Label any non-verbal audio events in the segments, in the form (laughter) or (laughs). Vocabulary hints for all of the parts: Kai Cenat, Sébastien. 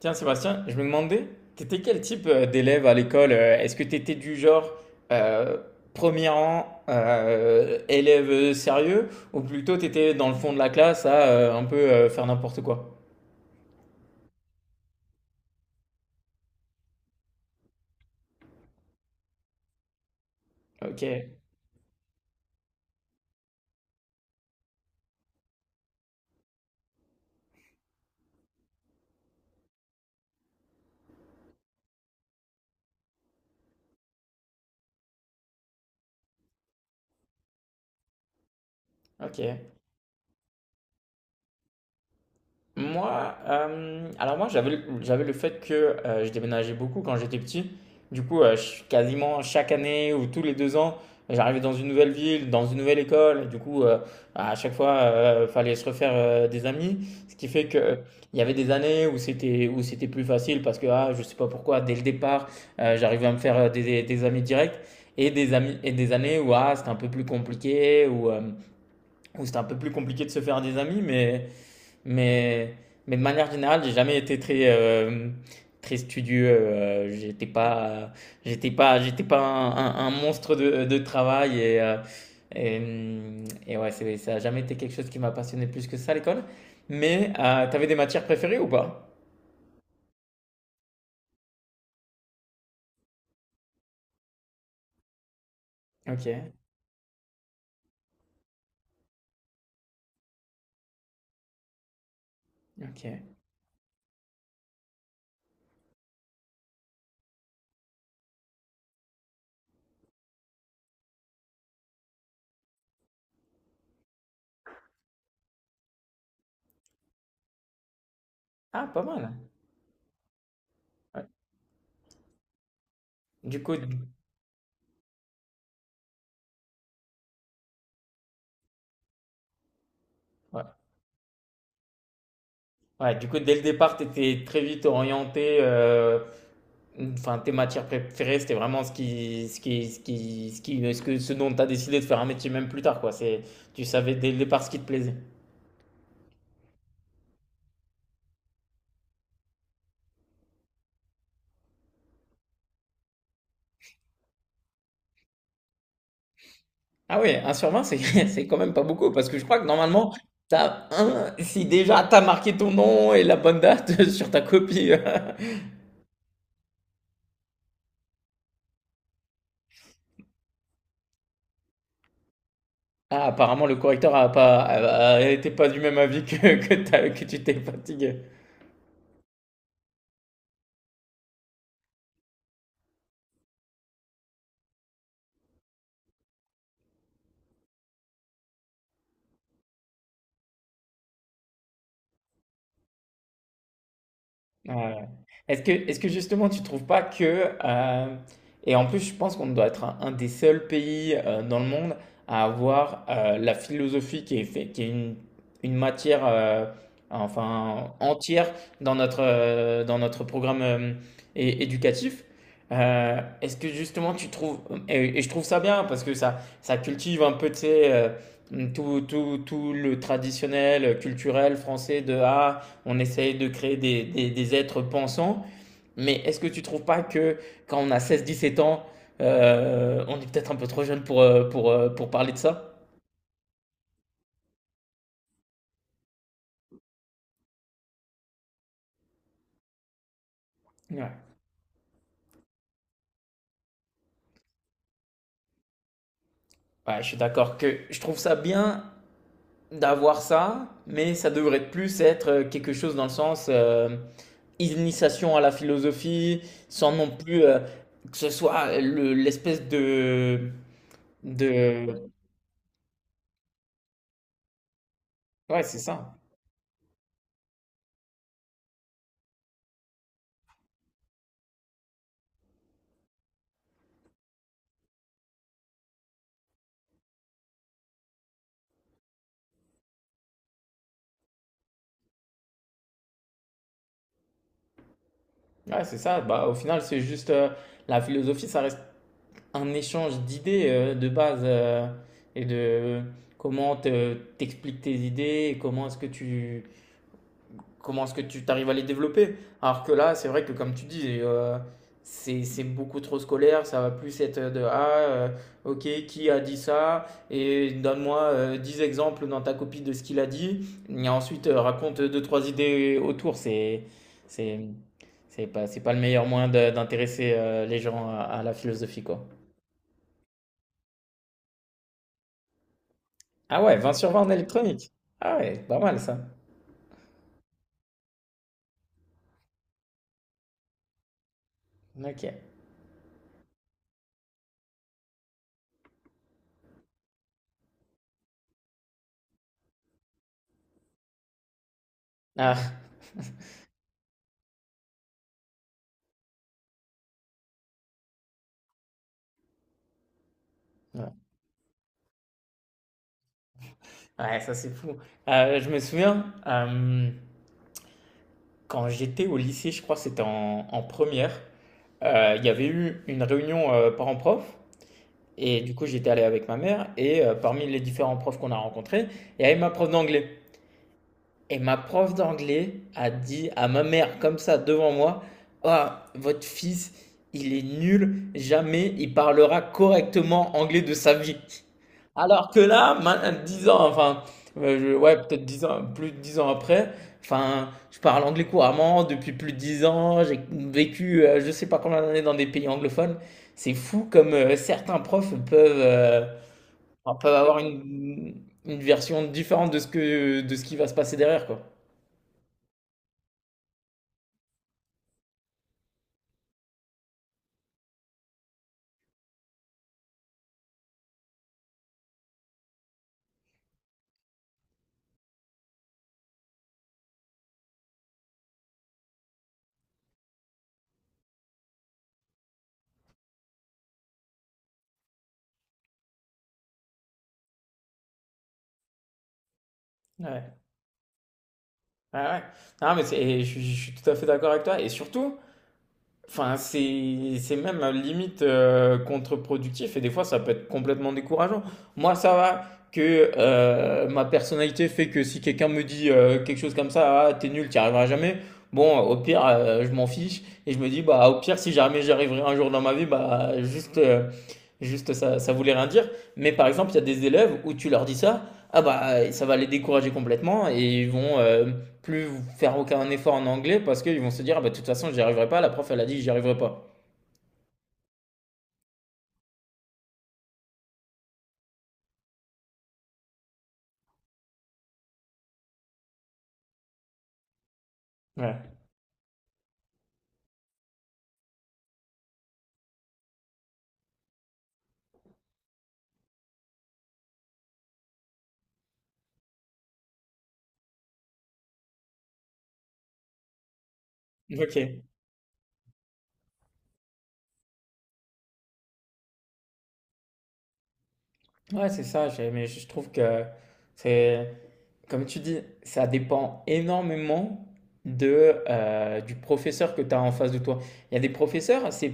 Tiens, Sébastien, je me demandais, t'étais quel type d'élève à l'école? Est-ce que t'étais du genre euh, premier rang, élève sérieux, ou plutôt t'étais dans le fond de la classe à un peu faire n'importe quoi? Ok, ok. Moi, alors moi j'avais le fait que je déménageais beaucoup quand j'étais petit. Du coup, quasiment chaque année ou tous les 2 ans, j'arrivais dans une nouvelle ville, dans une nouvelle école. Et du coup, à chaque fois, fallait se refaire des amis. Ce qui fait que il y avait des années où c'était plus facile parce que ah, je sais pas pourquoi, dès le départ, j'arrivais à me faire des amis directs. Et des amis et des années où ah, c'était un peu plus compliqué, ou où c'était un peu plus compliqué de se faire des amis, mais, mais de manière générale, j'ai jamais été très studieux. J'étais pas un monstre de travail et ouais, ça a jamais été quelque chose qui m'a passionné plus que ça à l'école. Mais t'avais des matières préférées ou pas? Ok, ok. Ah, pas mal. Ouais. Du coup, ouais. Ouais, du coup, dès le départ, tu étais très vite orienté. Enfin, tes matières préférées, c'était vraiment ce dont tu as décidé de faire un métier même plus tard, quoi. Tu savais dès le départ ce qui te plaisait. Ah oui, 1 sur 20, c'est, (laughs) c'est quand même pas beaucoup, parce que je crois que normalement, si déjà t'as marqué ton nom et la bonne date (laughs) sur ta copie. (laughs) Ah, apparemment, le correcteur a pas, a- a- était pas du même avis que, que tu t'es fatigué. Ouais. Est-ce que justement tu trouves pas que, et en plus je pense qu'on doit être un des seuls pays dans le monde à avoir la philosophie qui est une matière enfin entière dans notre programme éducatif. Est-ce que justement tu trouves, et je trouve ça bien parce que ça cultive un peu, tu sais, tout le traditionnel culturel français de ah, on essaye de créer des êtres pensants. Mais est-ce que tu ne trouves pas que quand on a 16-17 ans, on est peut-être un peu trop jeune pour parler de ça. Ouais, ouais je suis d'accord que je trouve ça bien d'avoir ça, mais ça devrait plus être quelque chose dans le sens initiation à la philosophie, sans non plus que ce soit l'espèce de, de. Ouais, c'est ça. Ouais, c'est ça. Bah, au final, c'est juste la philosophie, ça reste un échange d'idées de base et de comment t'expliques tes idées et comment est-ce que tu t'arrives à les développer. Alors que là, c'est vrai que comme tu dis, c'est beaucoup trop scolaire, ça va plus être de ah OK, qui a dit ça et donne-moi 10 exemples dans ta copie de ce qu'il a dit et ensuite raconte deux trois idées autour, c'est c'est pas le meilleur moyen d'intéresser les gens à la philosophie quoi. Ah ouais, 20/20 en électronique. Ah ouais, pas mal ça. Ok. Ah, ouais. Ouais, ça c'est fou. Je me souviens, quand j'étais au lycée, je crois que c'était en première, il y avait eu une réunion parents-prof. Et du coup, j'étais allé avec ma mère. Et parmi les différents profs qu'on a rencontrés, il y avait ma prof d'anglais. Et ma prof d'anglais a dit à ma mère comme ça devant moi, « Ah, votre fils, il est nul, jamais il parlera correctement anglais de sa vie. » Alors que là, 10 ans, enfin, ouais, peut-être 10 ans, plus de 10 ans après, enfin, je parle anglais couramment depuis plus de 10 ans, j'ai vécu je sais pas combien d'années dans des pays anglophones. C'est fou comme certains profs enfin, peuvent avoir une version différente de de ce qui va se passer derrière, quoi. Ouais. Ah ouais. Non, mais et je suis tout à fait d'accord avec toi. Et surtout, enfin, c'est même limite contre-productif. Et des fois, ça peut être complètement décourageant. Moi, ça va que ma personnalité fait que si quelqu'un me dit quelque chose comme ça, ah, t'es nul, t'y arriveras jamais. Bon, au pire, je m'en fiche. Et je me dis, bah, au pire, si jamais j'y arriverai un jour dans ma vie, bah, juste ça, ça voulait rien dire. Mais par exemple, il y a des élèves où tu leur dis ça. Ah bah ça va les décourager complètement et ils vont, plus faire aucun effort en anglais parce qu'ils vont se dire, « Ah bah, de toute façon, j'y arriverai pas. La prof, elle a dit que j'y arriverai pas. » Ouais. Ok. Ouais, c'est ça. Mais je trouve que c'est, comme tu dis, ça dépend énormément du professeur que tu as en face de toi. Il y a des professeurs. C'est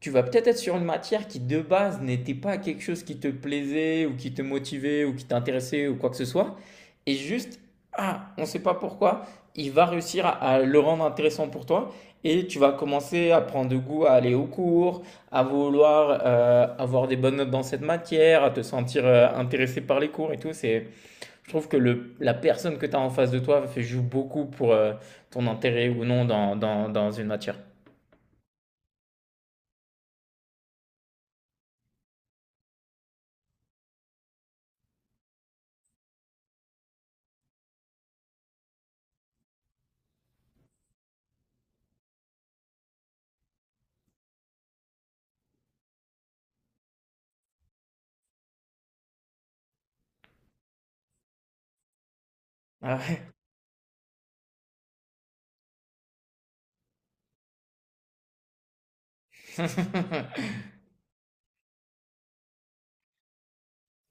Tu vas peut-être être sur une matière qui de base n'était pas quelque chose qui te plaisait ou qui te motivait ou qui t'intéressait ou quoi que ce soit. Et juste, ah, on ne sait pas pourquoi, il va réussir à le rendre intéressant pour toi. Et tu vas commencer à prendre goût à aller au cours, à vouloir avoir des bonnes notes dans cette matière, à te sentir intéressé par les cours et tout. Je trouve que la personne que tu as en face de toi joue beaucoup pour ton intérêt ou non dans une matière. Ah ouais. (laughs)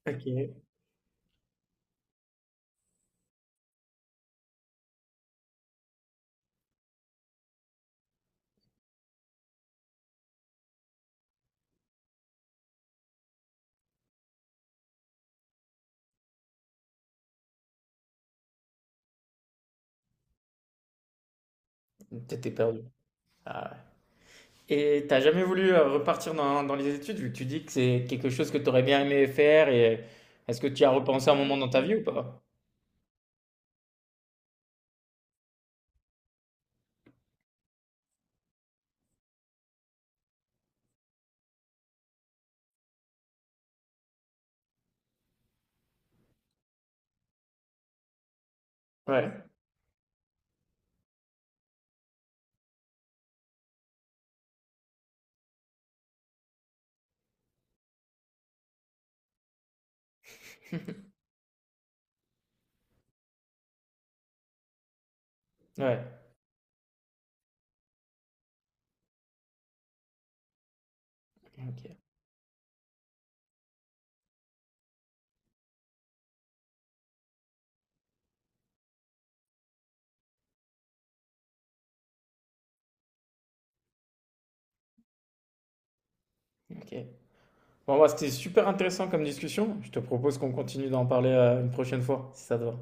OK. T'étais perdu. Ah ouais. Et t'as jamais voulu repartir dans les études, vu que tu dis que c'est quelque chose que t'aurais bien aimé faire, et est-ce que tu y as repensé un moment dans ta vie ou pas? Ouais, ouais. Ok, ok. Bon, bah, c'était super intéressant comme discussion. Je te propose qu'on continue d'en parler une prochaine fois, si ça te va.